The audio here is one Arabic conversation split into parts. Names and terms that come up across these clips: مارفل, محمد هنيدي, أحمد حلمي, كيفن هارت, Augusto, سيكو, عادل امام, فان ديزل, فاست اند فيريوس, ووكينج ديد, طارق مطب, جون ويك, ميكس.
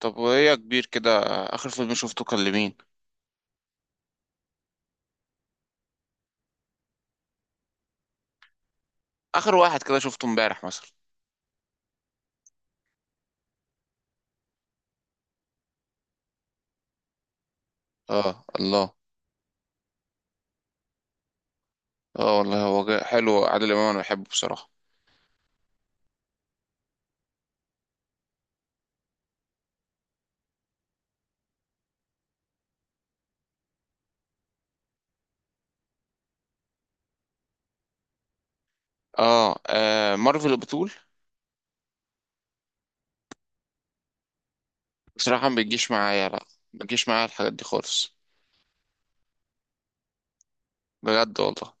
طب وهي كبير كده، اخر فيلم شفته كان لمين؟ اخر واحد كده شفته امبارح مثلا. اه الله. اه والله، هو حلو عادل امام، انا بحبه بصراحه. اه, آه مارفل البتول. بصراحه ما بيجيش معايا، لا، ما بيجيش معايا الحاجات دي خالص. بجد والله.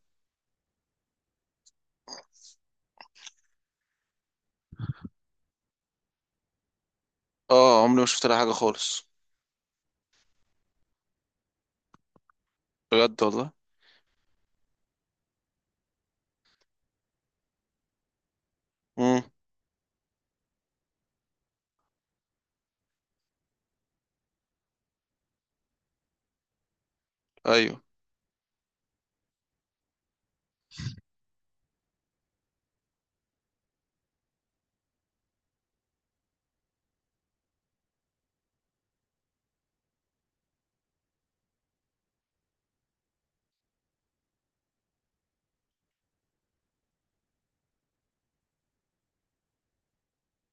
اه، عمري ما شفت لها حاجه خالص. بجد والله. امم. ايوه.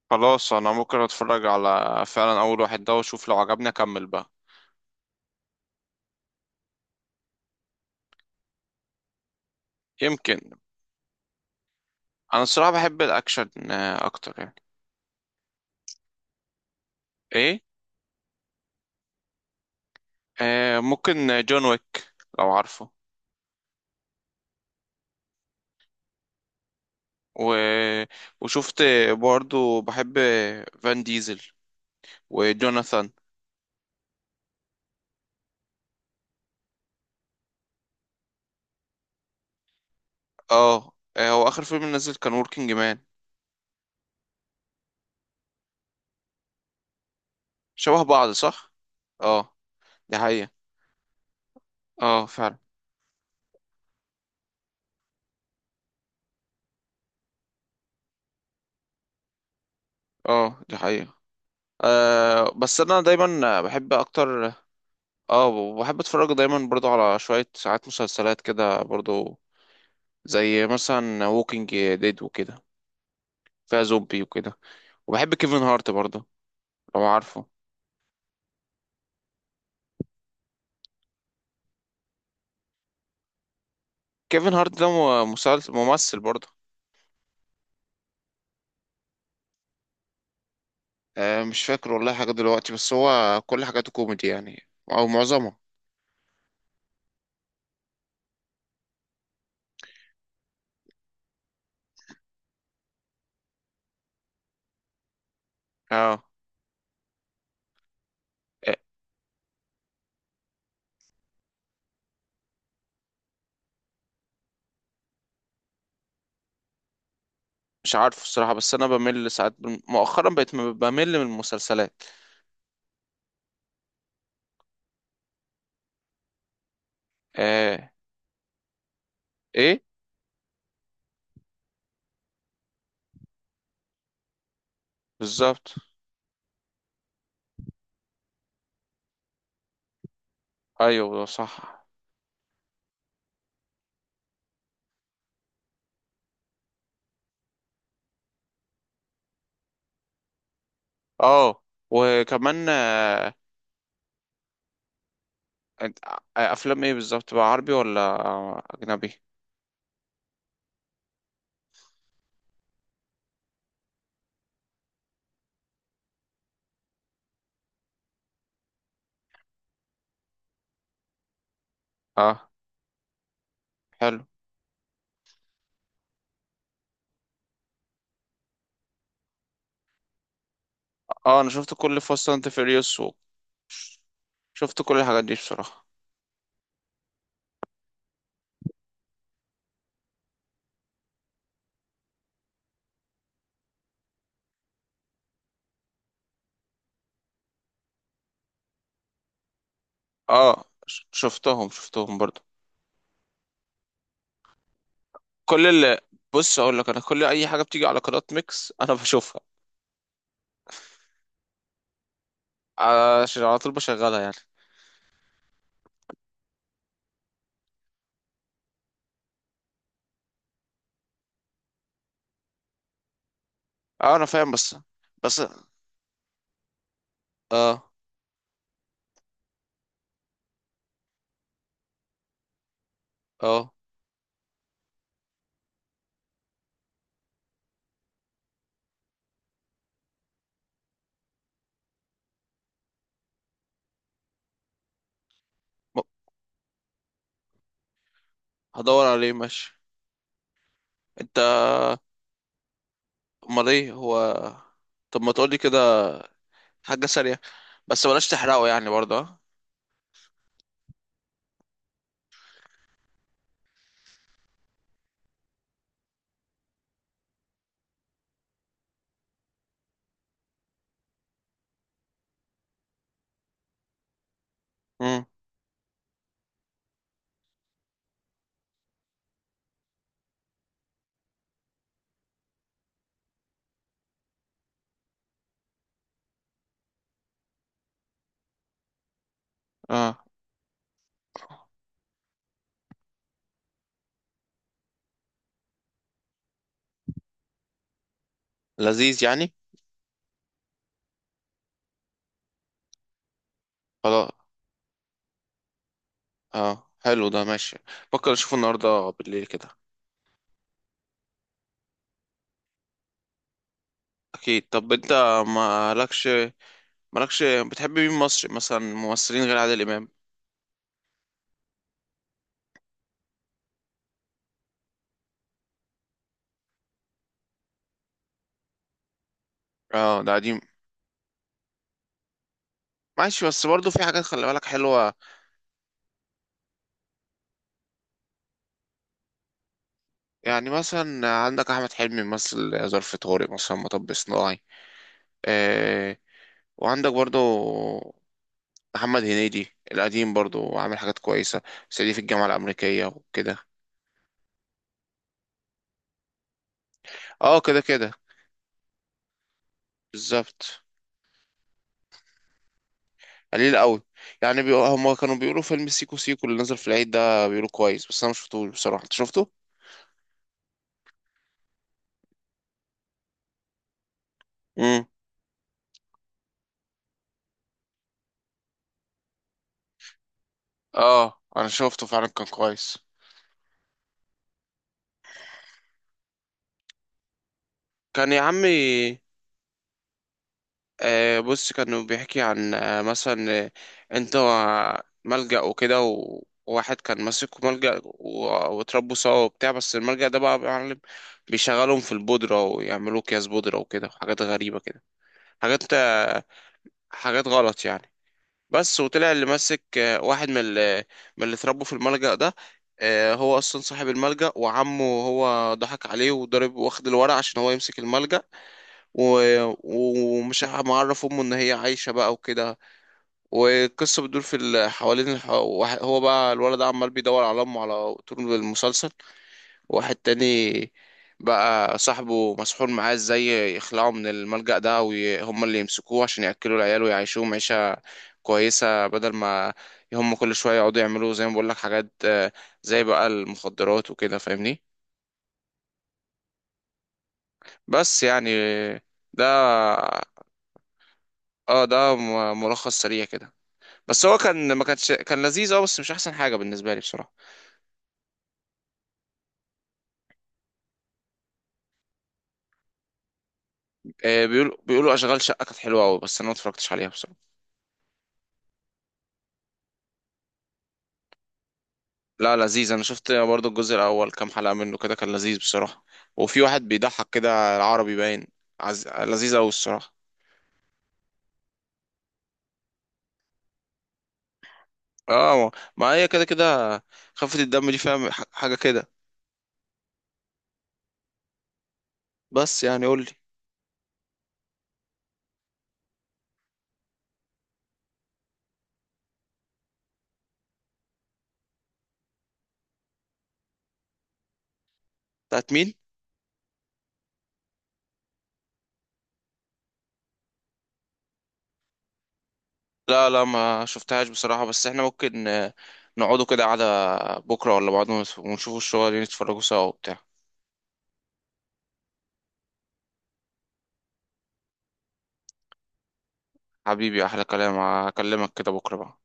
خلاص، انا ممكن اتفرج على فعلا اول واحد ده واشوف لو عجبني اكمل بقى. يمكن. انا الصراحه بحب الاكشن اكتر يعني. ايه. آه ممكن. جون ويك، لو عارفه. و... وشفت، برضو بحب فان ديزل، وجوناثان. اه. آه، هو اخر فيلم نزل كان وركينج مان. شبه بعض صح. اه دي حقيقة. اه فعلا. اه دي حقيقة. آه بس انا دايما بحب اكتر. اه، بحب اتفرج دايما برضو على شوية ساعات مسلسلات كده برضو، زي مثلا ووكينج ديد وكده، فيها زومبي وكده. وبحب كيفن هارت برضو، لو عارفه. كيفن هارت ده ممثل برضو. آه مش فاكر والله حاجة دلوقتي، بس هو كل حاجاته كوميدي يعني أو معظمها. اه. آه، مش عارف الصراحة، بس انا بمل ساعات. مؤخرا بقيت بمل من المسلسلات. آه. ايه بالظبط؟ ايوه صح. اه وكمان آه. أنت- آه، افلام ايه بالظبط بقى؟ عربي ولا آه، اجنبي؟ اه حلو. اه انا شفت كل فاست اند فيريوس، وشفت كل الحاجات دي بصراحة. اه شفتهم برضو. كل اللي، بص اقول لك، انا كل اي حاجه بتيجي على قناه ميكس انا بشوفها، عشان على طول بشغلها يعني. اه انا فاهم بس. بس. اه. اه م- هدور عليه ماشي. انت. امال ايه هو؟ طب ما تقولي كده، حاجه سريعه، بس بلاش تحرقه يعني برضه اه. امم. اه لذيذ يعني. خلاص. اه حلو ده ماشي، بفكر اشوفه النهارده بالليل كده. اكيد. طب انت مالكش، مالكش، بتحب مين مصري مثلا ممثلين غير عادل امام؟ اه ده قديم. ماشي، بس برضه في حاجات خلي بالك حلوة. يعني مثلا عندك أحمد حلمي مثل ظرف طارق، مثلا مطب صناعي آه. وعندك برضه محمد هنيدي القديم برضه، وعامل حاجات كويسة، صعيدي في الجامعة الأمريكية وكده. اه كده كده. بالظبط. قليل قوي. يعني هما كانوا بيقولوا فيلم سيكو سيكو اللي نزل في العيد ده بيقولوا كويس، بس أنا مشفتوش بصراحة. أنت شفته؟ امم. اه أنا شفته فعلا، كان كويس. كان يا عمي آه، بص، كانوا بيحكي عن آه، مثلا آه، انت ملجأ وكده وواحد كان ماسك ملجأ واتربوا سوا وبتاع، بس الملجأ ده بقى يا معلم بيشغلهم في البودرة ويعملوا أكياس بودرة وكده، وحاجات غريبة كده، حاجات آه، حاجات غلط يعني. بس وطلع اللي ماسك آه، واحد من اللي اتربوا في الملجأ ده آه، هو أصلا صاحب الملجأ، وعمه هو ضحك عليه وضرب واخد الورق عشان هو يمسك الملجأ، معرف امه ان هي عايشه بقى وكده. والقصه بتدور في هو بقى الولد ده عمال بيدور على امه على طول المسلسل. واحد تاني بقى صاحبه مسحور معاه ازاي يخلعه من الملجأ ده، وهم اللي يمسكوه عشان ياكلوا العيال ويعيشوهم عيشه كويسه، بدل ما هم كل شويه يقعدوا يعملوا زي ما بقول لك حاجات آه، زي بقى المخدرات وكده، فاهمني؟ بس يعني ده. اه ده ملخص سريع كده، بس هو كان ما كانش كان لذيذ اه، بس مش احسن حاجه بالنسبه لي بصراحه. آه، بيقولوا اشغال شقه كانت حلوه قوي، بس انا ما اتفرجتش عليها بصراحه. لا لذيذ، انا شفت برضو الجزء الاول كام حلقه منه كده، كان لذيذ بصراحه. وفي واحد بيضحك كده العربي باين، لذيذ قوي الصراحه. اه ما، ما هي كده كده، خفه الدم دي فاهم حاجه كده. بس يعني قول لي. بتاعت مين؟ لا لا ما شفتهاش بصراحه، بس احنا ممكن آه، نقعدوا كده قعده بكره ولا بعد، ونشوفوا الشغل نتفرجوا سوا وبتاع. حبيبي احلى كلام، هكلمك كده بكره بقى.